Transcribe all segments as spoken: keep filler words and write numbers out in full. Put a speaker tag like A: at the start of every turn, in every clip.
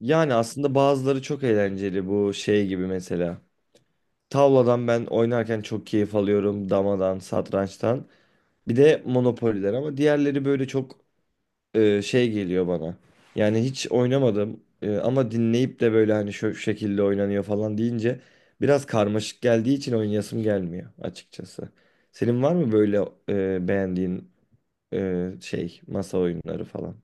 A: Yani aslında bazıları çok eğlenceli bu şey gibi mesela. Tavladan ben oynarken çok keyif alıyorum. Damadan, satrançtan. Bir de monopoliler ama diğerleri böyle çok e, şey geliyor bana. Yani hiç oynamadım, e, ama dinleyip de böyle hani şu şekilde oynanıyor falan deyince biraz karmaşık geldiği için oynayasım gelmiyor açıkçası. Senin var mı böyle e, beğendiğin e, şey masa oyunları falan?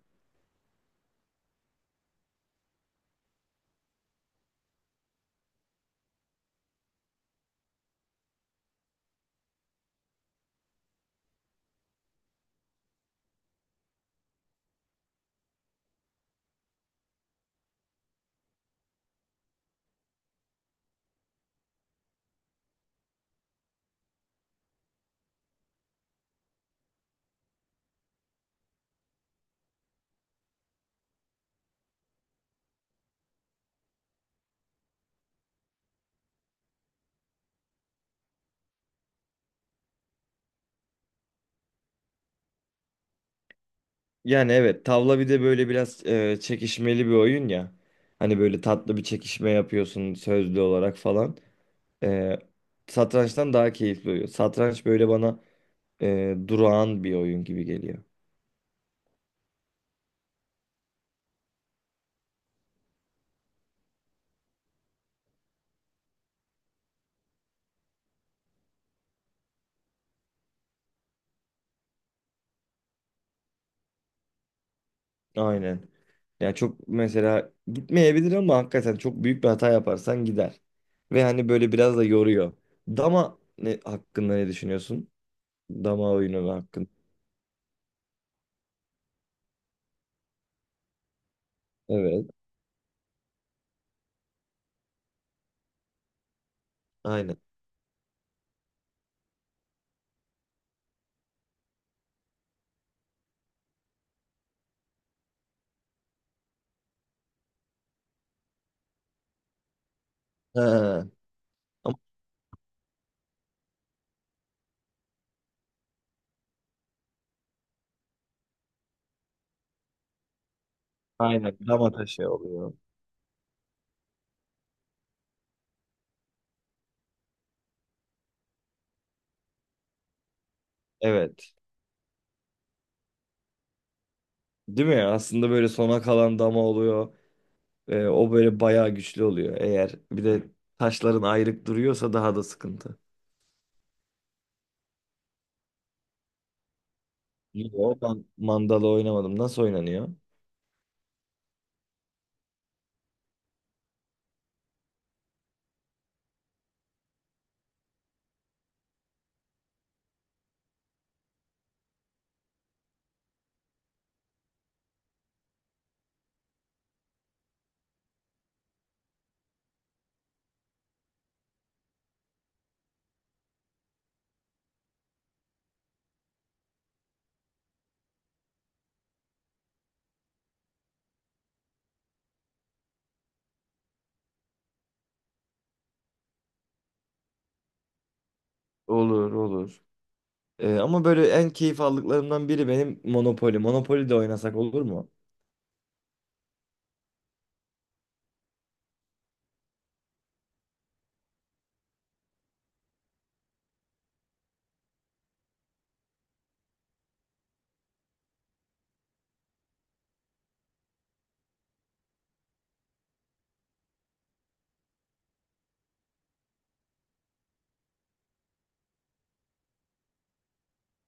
A: Yani evet, tavla bir de böyle biraz e, çekişmeli bir oyun ya. Hani böyle tatlı bir çekişme yapıyorsun sözlü olarak falan. E, Satrançtan daha keyifli oluyor. Satranç böyle bana e, durağan bir oyun gibi geliyor. Aynen. Yani çok mesela gitmeyebilir ama hakikaten çok büyük bir hata yaparsan gider. Ve hani böyle biraz da yoruyor. Dama ne hakkında ne düşünüyorsun? Dama oyunu hakkında. Evet. Aynen. He. Ama aynen, dama taşı oluyor. Evet. Değil mi? Aslında böyle sona kalan dama oluyor. Ee, o böyle bayağı güçlü oluyor. Eğer bir de taşların ayrık duruyorsa daha da sıkıntı. Yo, ben mandala oynamadım. Nasıl oynanıyor? Olur olur. Ee, ama böyle en keyif aldıklarımdan biri benim Monopoly. Monopoly de oynasak olur mu?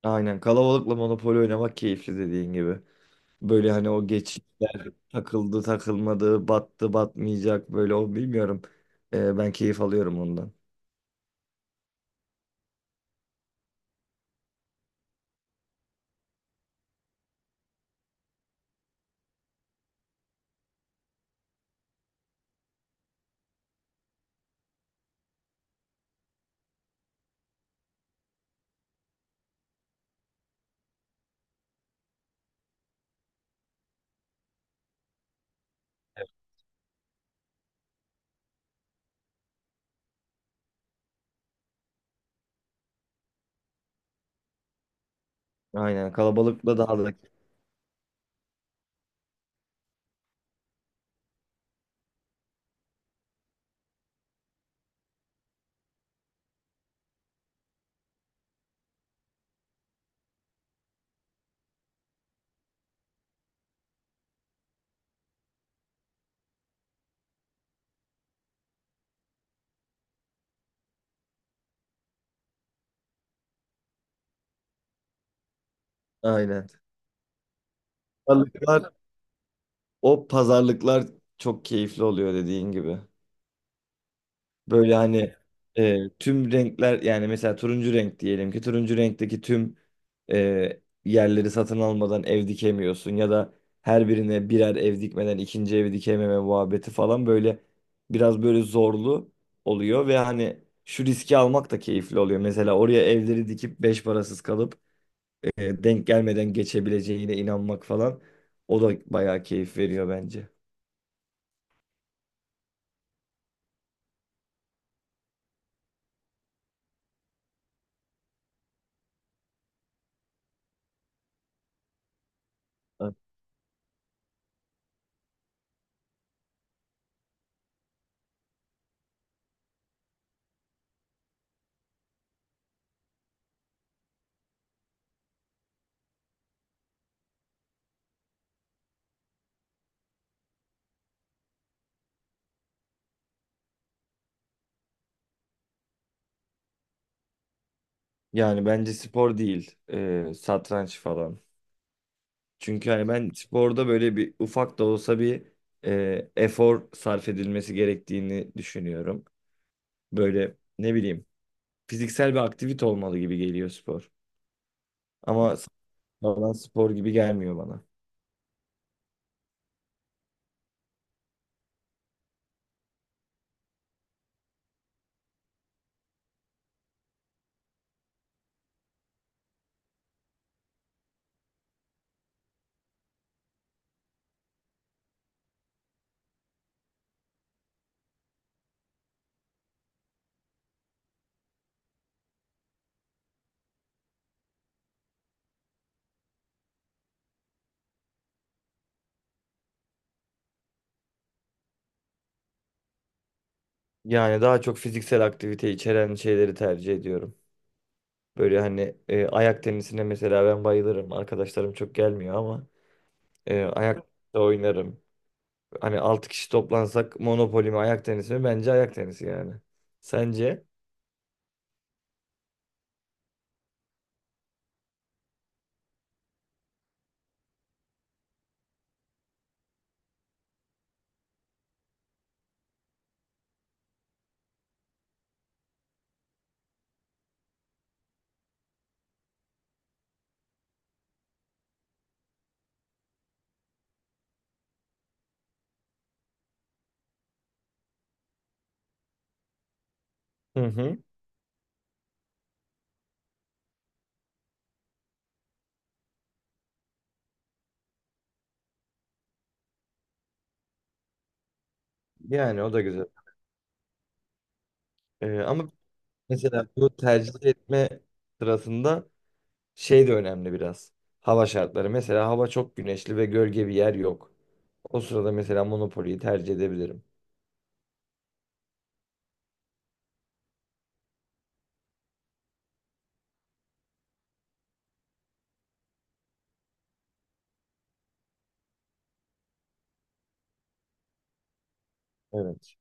A: Aynen, kalabalıkla Monopoly oynamak keyifli dediğin gibi. Böyle hani o geç takıldı takılmadı, battı batmayacak böyle, o bilmiyorum. Ee, ben keyif alıyorum ondan. Aynen, kalabalıkla daha da aynen. Pazarlıklar, o pazarlıklar çok keyifli oluyor dediğin gibi. Böyle hani e, tüm renkler, yani mesela turuncu renk diyelim, ki turuncu renkteki tüm e, yerleri satın almadan ev dikemiyorsun ya da her birine birer ev dikmeden ikinci evi dikememe muhabbeti falan, böyle biraz böyle zorlu oluyor ve hani şu riski almak da keyifli oluyor. Mesela oraya evleri dikip beş parasız kalıp, e, denk gelmeden geçebileceğine inanmak falan, o da bayağı keyif veriyor bence. Yani bence spor değil, e, satranç falan. Çünkü hani ben sporda böyle bir ufak da olsa bir e, efor sarf edilmesi gerektiğini düşünüyorum. Böyle ne bileyim, fiziksel bir aktivite olmalı gibi geliyor spor. Ama falan spor gibi gelmiyor bana. Yani daha çok fiziksel aktivite içeren şeyleri tercih ediyorum. Böyle hani e, ayak tenisine mesela ben bayılırım. Arkadaşlarım çok gelmiyor ama e, ayak da oynarım. Hani altı kişi toplansak Monopoly mi, ayak tenisi mi? Bence ayak tenisi yani. Sence? Hı hı. Yani o da güzel. Ee, ama mesela bu tercih etme sırasında şey de önemli biraz. Hava şartları. Mesela hava çok güneşli ve gölge bir yer yok. O sırada mesela Monopoly'yi tercih edebilirim. Evet.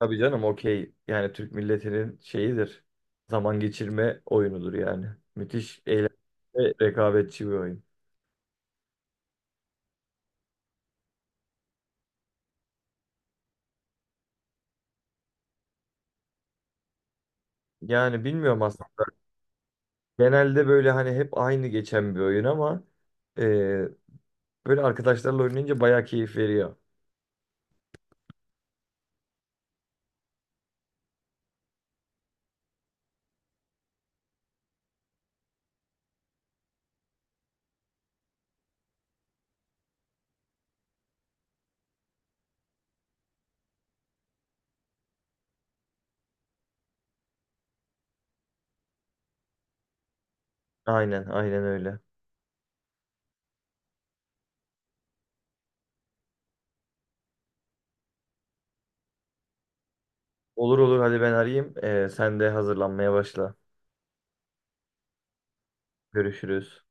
A: Tabii canım, okey. Yani Türk milletinin şeyidir. Zaman geçirme oyunudur yani. Müthiş eğlenceli ve rekabetçi bir oyun. Yani bilmiyorum aslında. Genelde böyle hani hep aynı geçen bir oyun ama e, böyle arkadaşlarla oynayınca bayağı keyif veriyor. Aynen, aynen öyle. Olur olur, hadi ben arayayım. Ee, sen de hazırlanmaya başla. Görüşürüz.